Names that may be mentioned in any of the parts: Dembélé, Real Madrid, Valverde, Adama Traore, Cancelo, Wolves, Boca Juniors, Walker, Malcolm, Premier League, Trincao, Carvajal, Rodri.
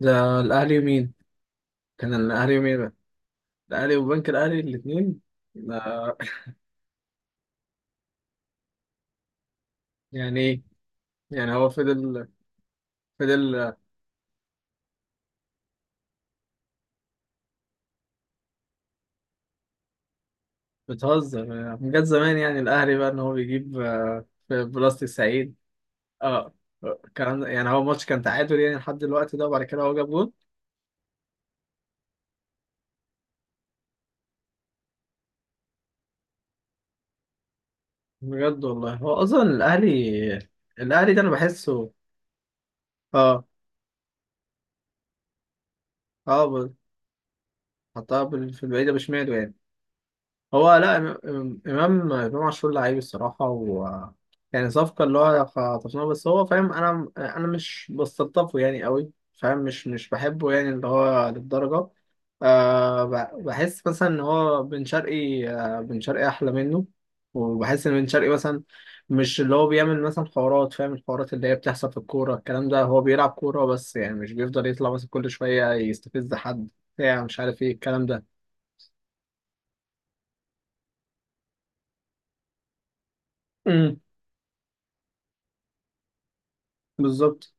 ده الاهلي ومين؟ كان الاهلي ومين بقى؟ الاهلي وبنك الاهلي الاثنين. يعني ايه؟ يعني هو فضل. فضل بتهزر؟ من جد زمان يعني الاهلي بقى ان هو بيجيب في بلاس 90. اه كان يعني هو ماتش كان تعادل يعني لحد الوقت ده، وبعد كده هو جاب جول. بجد والله، هو اصلا الاهلي. الاهلي ده انا بحسه. اه اه ب- حطها في البعيده بشماله يعني. هو لا امام عاشور لعيب الصراحه. و يعني صفقه اللي هو خطفناه، بس هو فاهم، انا مش بستلطفه يعني قوي، فاهم، مش بحبه يعني، اللي هو للدرجه. بحس مثلا ان هو بن شرقي، بن شرقي احلى منه. وبحس ان بن شرقي مثلا مش اللي هو بيعمل مثلا حوارات، فاهم، الحوارات اللي هي بتحصل في الكوره الكلام ده. هو بيلعب كوره بس، يعني مش بيفضل يطلع مثلا كل شويه يستفز حد، بتاع، مش عارف ايه الكلام ده. امم. بالظبط.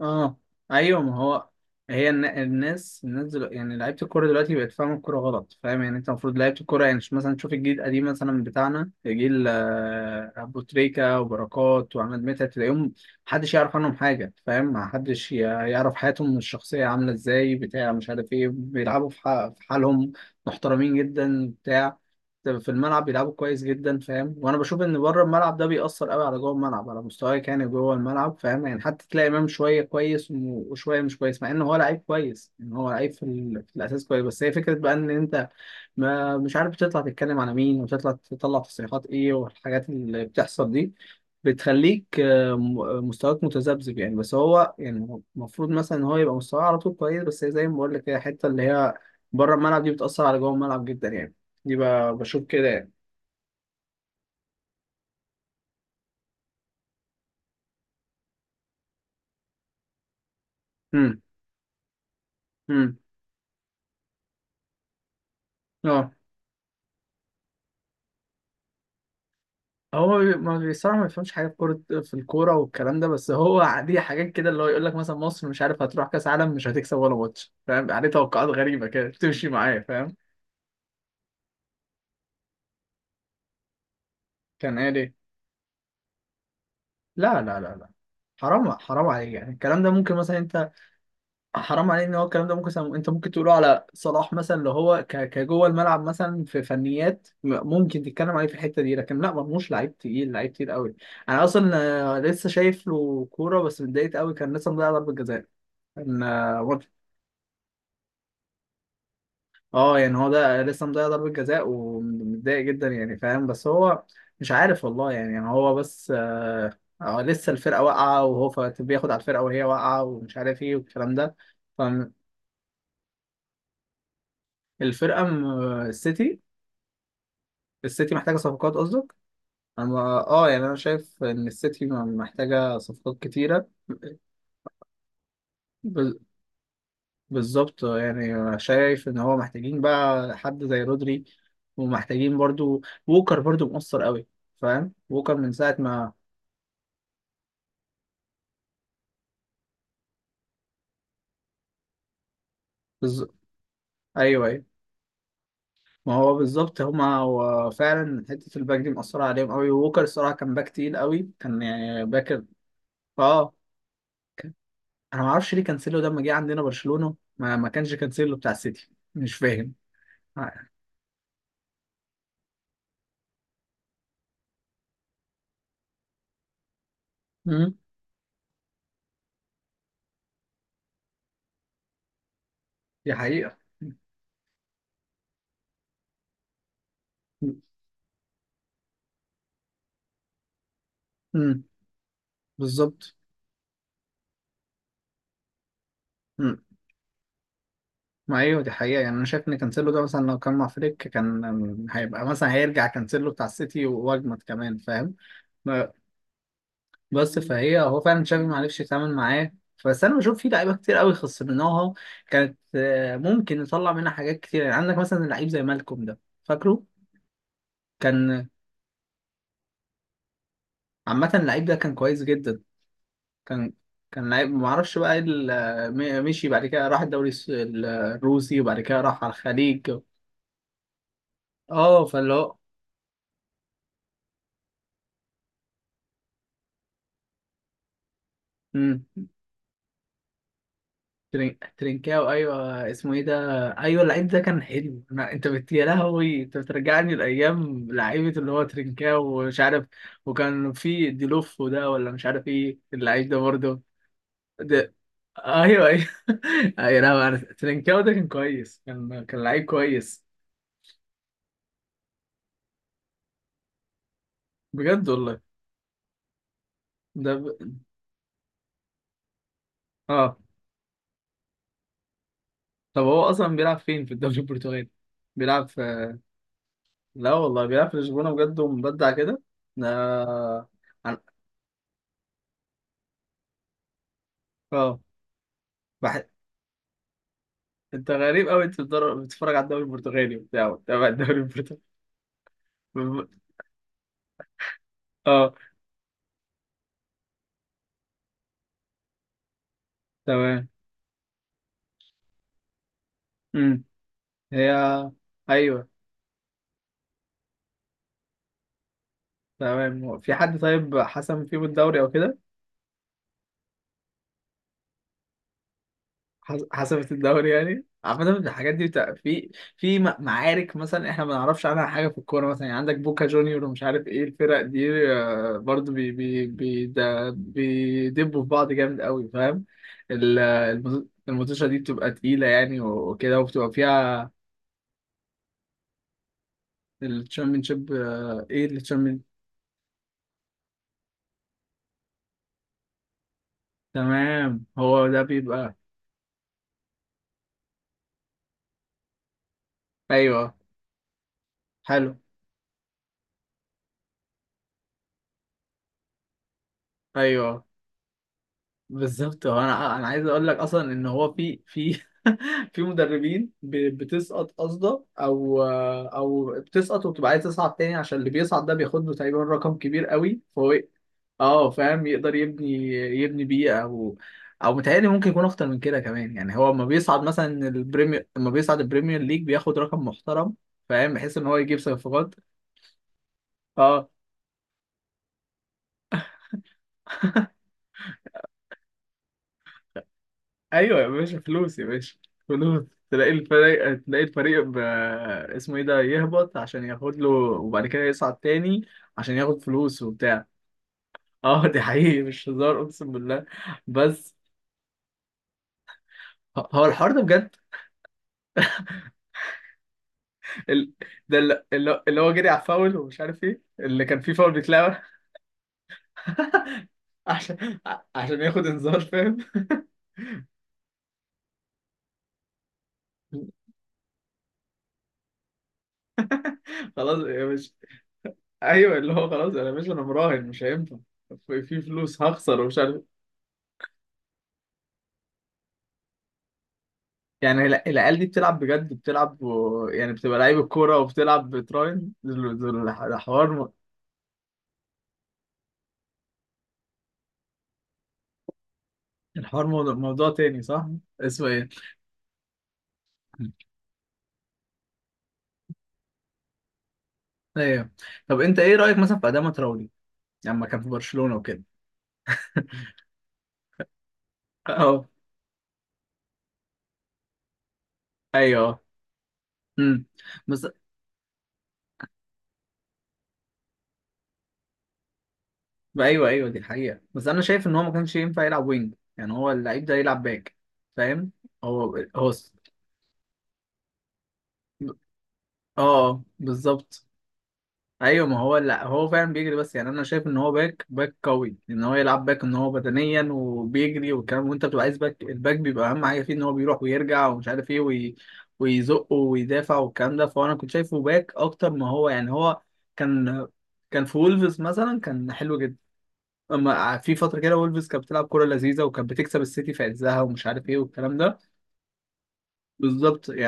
اه. ايوه، ما هو هي الن- الناس الناس دلوقتي يعني لعيبه الكوره دلوقتي بقت فاهمه الكوره غلط، فاهم يعني. انت المفروض لعيبه الكوره يعني مش مثلا، تشوف الجيل القديم مثلا بتاعنا، جيل ابو تريكه وبركات وعماد متعب، تلاقيهم محدش يعرف عنهم حاجه، فاهم، محدش يعرف حياتهم الشخصيه عامله ازاي، بتاع مش عارف ايه، بيلعبوا في في حالهم، محترمين جدا بتاع. في الملعب بيلعبوا كويس جدا، فاهم، وانا بشوف ان بره الملعب ده بيأثر قوي على جوه الملعب، على مستواك يعني جوه الملعب، فاهم يعني. حتى تلاقي امام شويه كويس وشويه مش كويس، مع ان هو لعيب كويس، ان هو لعيب في الاساس كويس. بس هي فكره بقى ان انت ما مش عارف، بتطلع تتكلم على مين، وتطلع تصريحات ايه والحاجات اللي بتحصل دي. بتخليك مستواك متذبذب يعني، بس هو يعني المفروض مثلا ان هو يبقى مستواه على طول كويس. بس هي زي ما بقول لك كده، الحته اللي هي بره الملعب دي بتأثر على جوه الملعب جدا يعني. دي ب- بشوف كده يعني. امم. امم. اه. هو بي- ما بصراحه ما بيفهمش حاجه في كوره في الكوره والكلام ده. بس هو دي حاجات كده اللي هو يقول لك مثلا، مصر مش عارف هتروح كاس عالم، مش هتكسب ولا ماتش، فاهم عليه؟ توقعات غريبه كده بتمشي معايا، فاهم. كان قال ايه؟ لا لا لا لا، حرام حرام عليك يعني. الكلام ده ممكن مثلا انت، حرام عليك، ان هو الكلام ده ممكن انت ممكن تقوله على صلاح مثلا، اللي هو كجوه الملعب مثلا في فنيات، ممكن تتكلم عليه في الحته دي. لكن لا، مرموش لعيب تقيل، لعيب تقيل قوي. انا اصلا لسه شايف له كوره بس اتضايقت قوي، كان لسه مضيع ضربه جزاء. كان آه، اه يعني هو ده لسه مضيع ضربة جزاء ومتضايق جدا يعني، فاهم. بس هو مش عارف والله يعني هو بس آه لسه الفرقة واقعة، وهو بياخد على الفرقة وهي واقعة، ومش عارف ايه والكلام ده. فالفرقة السيتي، السيتي محتاجة صفقات قصدك؟ أنا يعني أنا شايف إن السيتي محتاجة صفقات كتيرة. بال- بالظبط يعني، شايف إن هو محتاجين بقى حد زي رودري، ومحتاجين برضو ووكر، برضو مؤثر قوي، فاهم؟ ووكر من ساعة ما بز... ايوه، ايوه، ما هو بالظبط. هما هو فعلا حته الباك دي مأثره عليهم قوي. ووكر الصراحه كان باك تقيل قوي، كان يعني باك. اه. كان... انا ما اعرفش ليه كانسيلو ده، لما جه عندنا برشلونه ما كانش كانسيلو بتاع السيتي، مش فاهم. امم. دي حقيقه. امم. بالظبط. امم. ما ايوه دي حقيقه يعني، انا شايف ان كانسيلو ده مثلا لو كان مع فليك، كان هيبقى مثلا، هيرجع كانسيلو بتاع السيتي واجمد كمان، فاهم. بس فهي هو فعلا تشافي ما عرفش يتعامل معاه. بس انا بشوف في لعيبه كتير قوي خسرناها، كانت ممكن نطلع منها حاجات كتير يعني. عندك مثلا لعيب زي مالكوم ده، فاكره؟ كان عامه اللعيب ده كان كويس جدا. كان كان لعيب، ما اعرفش بقى ايه مشي بعد كده، راح الدوري الروسي، وبعد كده راح على الخليج. اه، فاللي هو، مم. ترينكاو، ايوه، اسمه ايه ده؟ ايوه اللعيب ده كان حلو. يا لهوي، انت بترجعني لايام لعيبه، اللي هو ترينكاو ومش عارف. وكان في ديلوفو ده، ولا مش عارف ايه اللعيب ده برضه. ده، ايوه، ايوه. ايوه لا، ترينكاو ده كان كويس، كان لعيب كويس. بجد والله؟ ده ب... اه. طب هو اصلا بيلعب فين في الدوري البرتغالي؟ بيلعب في لا والله، بيلعب في لشبونه بجد، ومبدع كده. ده أنا- اه. بح- انت غريب قوي، انت بتتفرج على الدوري البرتغالي وبتاع، وبتابع الدوري البرتغالي. اه. تمام. امم. هي. ايوه. تمام. هو في حد طيب حسم فيهم الدوري او كده؟ حسمت الدوري يعني. عامة الحاجات دي بتاع، في معارك مثلا احنا ما نعرفش عنها حاجة في الكورة مثلا، يعني عندك بوكا جونيور ومش عارف ايه الفرق دي، برضو بي بي بي ده بيدبوا في بعض جامد قوي، فاهم. الماتشة دي بتبقى تقيلة يعني وكده، وبتبقى فيها الشامبيونشيب. آه، ايه الشامبيون تمام هو ده بيبقى. ايوه. حلو. ايوه. بالظبط. هو انا عايز اقول لك اصلا ان هو في في مدربين بتسقط قصده، او بتسقط وبتبقى عايز تصعد تاني، عشان اللي بيصعد ده بياخد له تقريبا رقم كبير قوي، فهو إيه؟ اه فاهم، يقدر يبني، بيه، او او متهيألي ممكن يكون اكتر من كده كمان. يعني هو لما بيصعد مثلا البريمير، لما بيصعد البريمير ليج، بياخد رقم محترم، فاهم، بحيث ان هو يجيب صفقات. اه. ايوه يا باشا، فلوس يا باشا، فلوس. تلاقي الفريق اسمه ايه ده، يهبط عشان ياخد له وبعد كده يصعد تاني، عشان ياخد فلوس وبتاع. اه دي حقيقي، مش هزار، اقسم بالله. بس هو الحوار ده بجد؟ ال... ده اللي... اللي اللي هو جري على الفاول، ومش عارف ايه، اللي كان فيه فاول بيتلعب. عشان عشان ياخد انذار، فاهم. خلاص يا باشا. ايوه اللي هو، خلاص انا يا باشا، انا مراهن، مش هينفع. في فلوس هخسر ومش عارف. يعني العيال دي بتلعب بجد، بتلعب و... يعني بتبقى لعيب الكورة وبتلعب بتراين. دول الحوار الحوار موضوع تاني، صح؟ اسمه ايه؟ ايوه. طب انت ايه رأيك مثلا في أداما تراوري لما كان في برشلونة وكده؟ اه. ايوه. امم. بس. ايوه، ايوه، دي الحقيقه. بس انا شايف ان هو ما كانش ينفع يلعب وينج، يعني هو اللعيب ده يلعب باك، فاهم. هو اه. بالظبط. ايوه ما هو، لا هو فعلا بيجري بس يعني، انا شايف ان هو باك، باك قوي، ان هو يلعب باك، ان هو بدنيا وبيجري والكلام. وانت بتبقى عايز باك، الباك بيبقى اهم حاجه فيه، ان هو بيروح ويرجع ومش عارف ايه ويزق ويدافع والكلام ده. فانا كنت شايفه باك اكتر ما هو يعني. هو كان كان في وولفز مثلا، كان حلو جدا. اما في فتره كده وولفز كانت بتلعب كوره لذيذه، وكانت بتكسب السيتي في عزها، ومش عارف ايه والكلام ده. بالظبط يعني.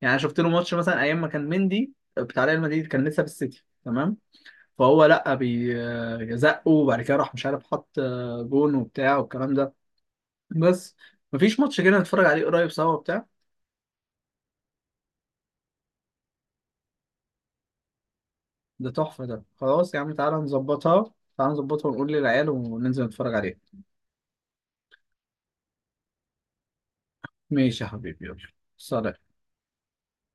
يعني أنا شفت له ماتش مثلا، ايام ما كان مندي بتاع ريال مدريد، كان لسه في السيتي، تمام. فهو لا بيزقه، وبعد كده راح، مش عارف، حط جون وبتاع والكلام ده. بس مفيش ماتش كده نتفرج عليه قريب سوا وبتاع. ده تحفة، ده خلاص يا عم، تعالى نظبطها، تعالى نظبطها، ونقول للعيال وننزل نتفرج عليه. ماشي يا حبيبي، يلا. سلام.